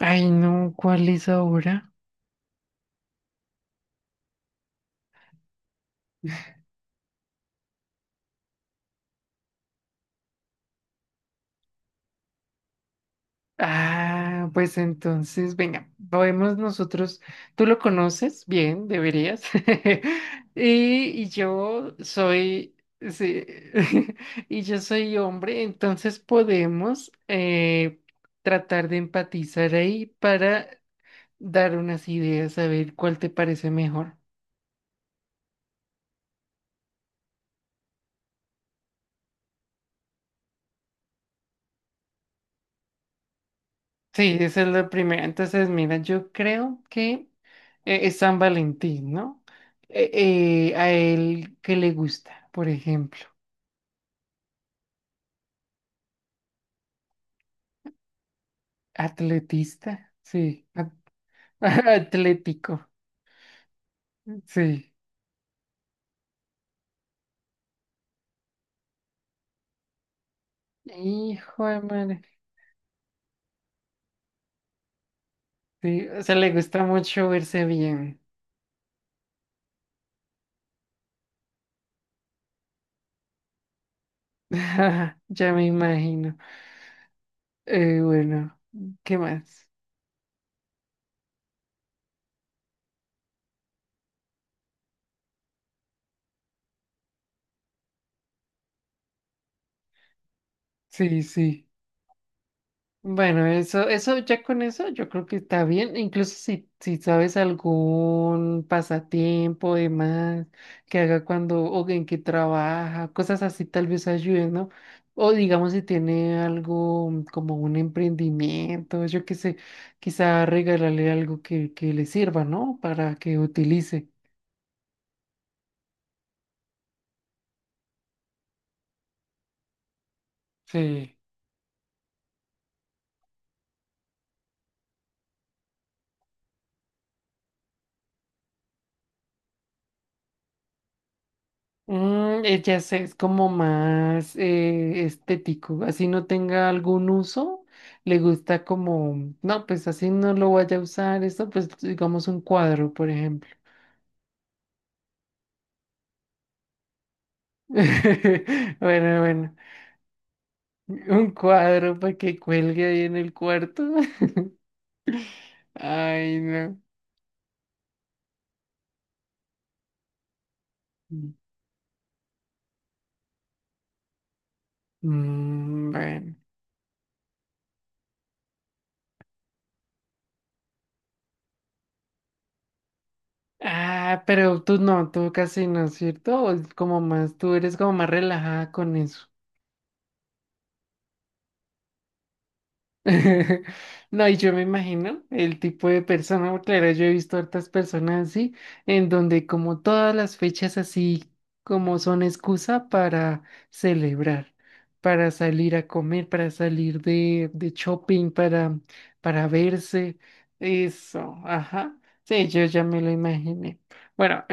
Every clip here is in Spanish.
Ay, no, ¿cuál es ahora? Ah, pues entonces, venga, podemos nosotros, tú lo conoces bien, deberías. Y yo soy, sí, y yo soy hombre, entonces podemos tratar de empatizar ahí para dar unas ideas, a ver cuál te parece mejor. Sí, esa es la primera. Entonces, mira, yo creo que es San Valentín, ¿no? Eh, a él que le gusta, por ejemplo, atletista, sí, atlético, sí. Hijo de madre, sí, o sea, le gusta mucho verse bien. Ya me imagino. Bueno, ¿qué más? Sí, sí. Bueno, eso ya con eso yo creo que está bien, incluso si sabes algún pasatiempo, demás, que haga cuando, o en que trabaja, cosas así tal vez ayuden, ¿no? O digamos si tiene algo como un emprendimiento, yo qué sé, quizá regalarle algo que le sirva, ¿no? Para que utilice. Sí. Ya sé, es como más estético, así no tenga algún uso, le gusta como, no, pues así no lo vaya a usar, esto pues digamos un cuadro, por ejemplo. Bueno, un cuadro para que cuelgue ahí en el cuarto. Ay, no. Mm, bueno. Ah, pero tú no, tú casi no, ¿cierto? O es como más, tú eres como más relajada con eso. No, y yo me imagino el tipo de persona, porque claro, yo he visto hartas personas así, en donde como todas las fechas así como son excusa para celebrar, para salir a comer, para salir de shopping, para verse, eso, ajá. Sí, yo ya me lo imaginé. Bueno.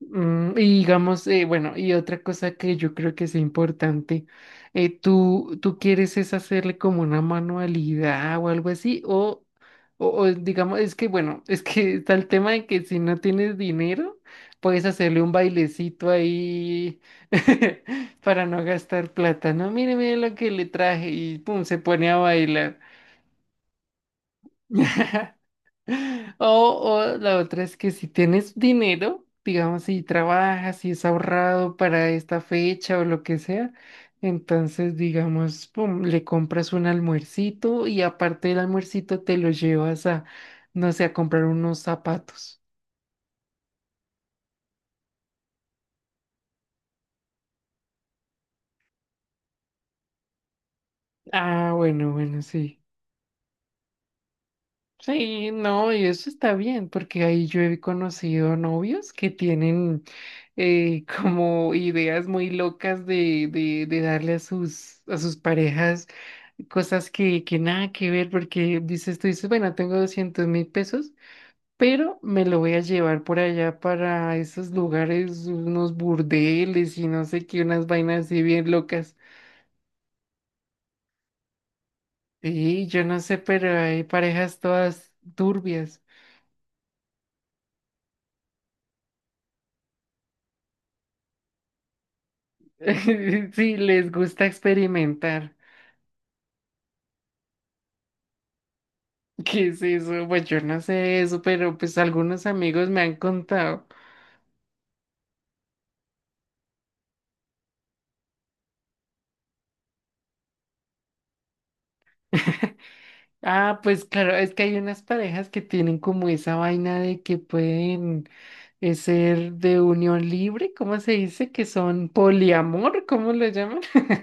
Y digamos, bueno, y otra cosa que yo creo que es importante, ¿tú, tú quieres es hacerle como una manualidad o algo así? O digamos, es que bueno, es que está el tema de que si no tienes dinero, puedes hacerle un bailecito ahí para no gastar plata, ¿no? Mire, mire lo que le traje y pum, se pone a bailar. O, o la otra es que si tienes dinero, digamos, si trabajas, si es ahorrado para esta fecha o lo que sea, entonces, digamos, pum, le compras un almuercito y aparte del almuercito te lo llevas a, no sé, a comprar unos zapatos. Ah, bueno, sí. Sí, no, y eso está bien, porque ahí yo he conocido novios que tienen como ideas muy locas de darle a a sus parejas cosas que nada que ver, porque dices, tú dices, bueno, tengo 200.000 pesos, pero me lo voy a llevar por allá para esos lugares, unos burdeles y no sé qué, unas vainas así bien locas. Sí, yo no sé, pero hay parejas todas turbias. Sí, les gusta experimentar. ¿Qué es eso? Pues yo no sé eso, pero pues algunos amigos me han contado. Ah, pues claro, es que hay unas parejas que tienen como esa vaina de que pueden es ser de unión libre, ¿cómo se dice? Que son poliamor, ¿cómo lo llaman?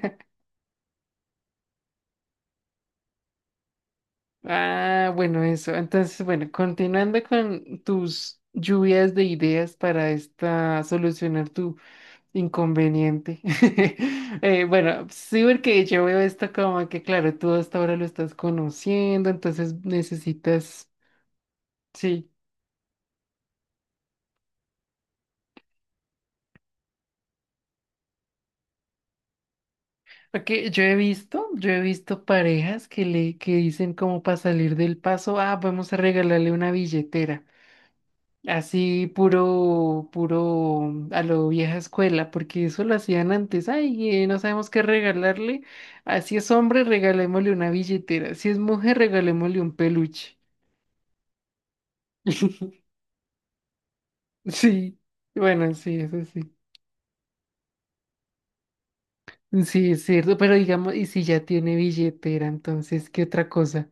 Ah, bueno, eso. Entonces, bueno, continuando con tus lluvias de ideas para esta solucionar tu inconveniente. Bueno, sí, porque yo veo esto como que, claro, tú hasta ahora lo estás conociendo, entonces necesitas, sí. Porque yo he visto parejas que dicen como para salir del paso, ah, vamos a regalarle una billetera. Así puro a lo vieja escuela, porque eso lo hacían antes. Ay, no sabemos qué regalarle. Así es hombre, regalémosle una billetera. Si es mujer, regalémosle un peluche. Sí, bueno, sí, eso sí. Sí, es cierto, pero digamos, y si ya tiene billetera, entonces, ¿qué otra cosa?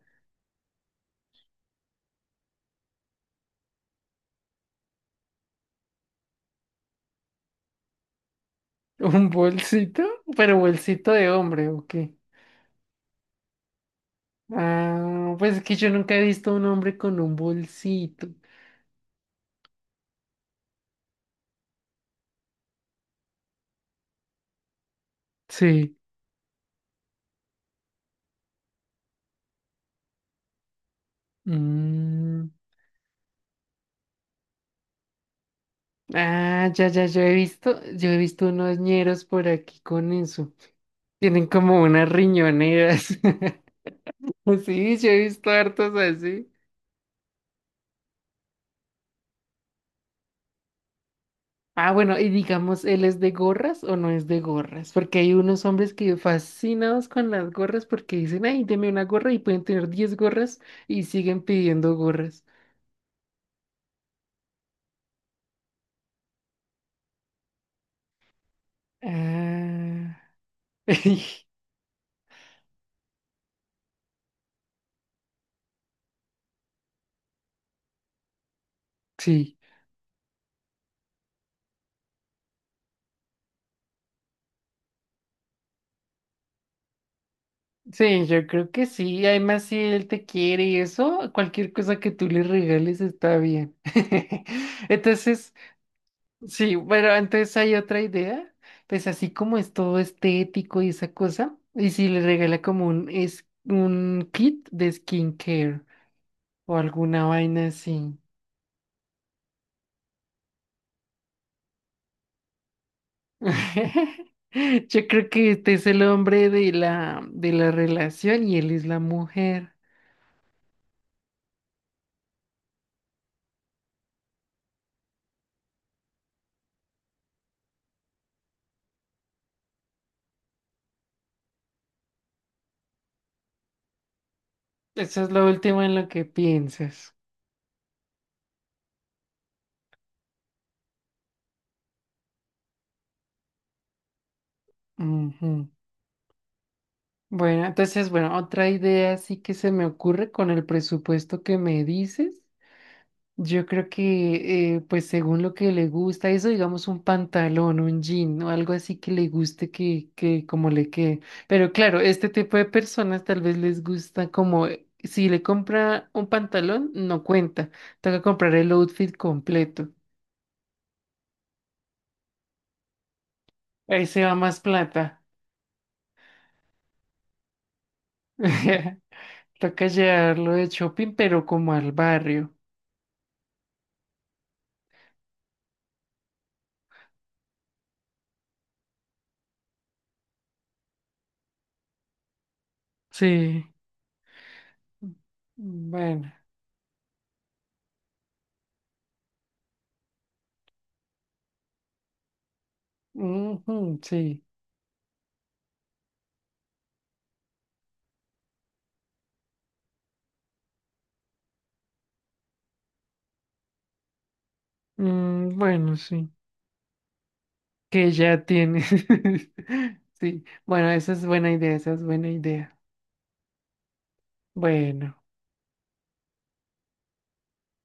¿Un bolsito? Pero bolsito de hombre, ¿o qué? Ah, pues es que yo nunca he visto a un hombre con un bolsito. Sí. Mm. Ah, ya, ya, yo he visto unos ñeros por aquí con eso. Tienen como unas riñoneras. Sí, yo he visto hartos así. Ah, bueno, y digamos, ¿él es de gorras o no es de gorras? Porque hay unos hombres que fascinados con las gorras porque dicen, ay, deme una gorra y pueden tener 10 gorras y siguen pidiendo gorras. Ah, sí. Sí, yo creo que sí. Además, si él te quiere y eso, cualquier cosa que tú le regales está bien. Entonces, sí, bueno, entonces hay otra idea. Pues así como es todo estético y esa cosa, y si le regala como un, es, un kit de skincare o alguna vaina así. Yo creo que este es el hombre de la relación y él es la mujer. Eso es lo último en lo que piensas. Ujú. Bueno, entonces, bueno, otra idea así que se me ocurre con el presupuesto que me dices. Yo creo que, pues según lo que le gusta, eso digamos un pantalón, un jean o algo así que le guste que como le quede. Pero claro, este tipo de personas tal vez les gusta como, si le compra un pantalón, no cuenta. Toca comprar el outfit completo. Ahí se va más plata. Toca llevarlo de shopping, pero como al barrio. Sí. Bueno, ujú, sí. Mm, bueno, sí. Que ya tienes. Sí. Bueno, esa es buena idea, esa es buena idea. Bueno.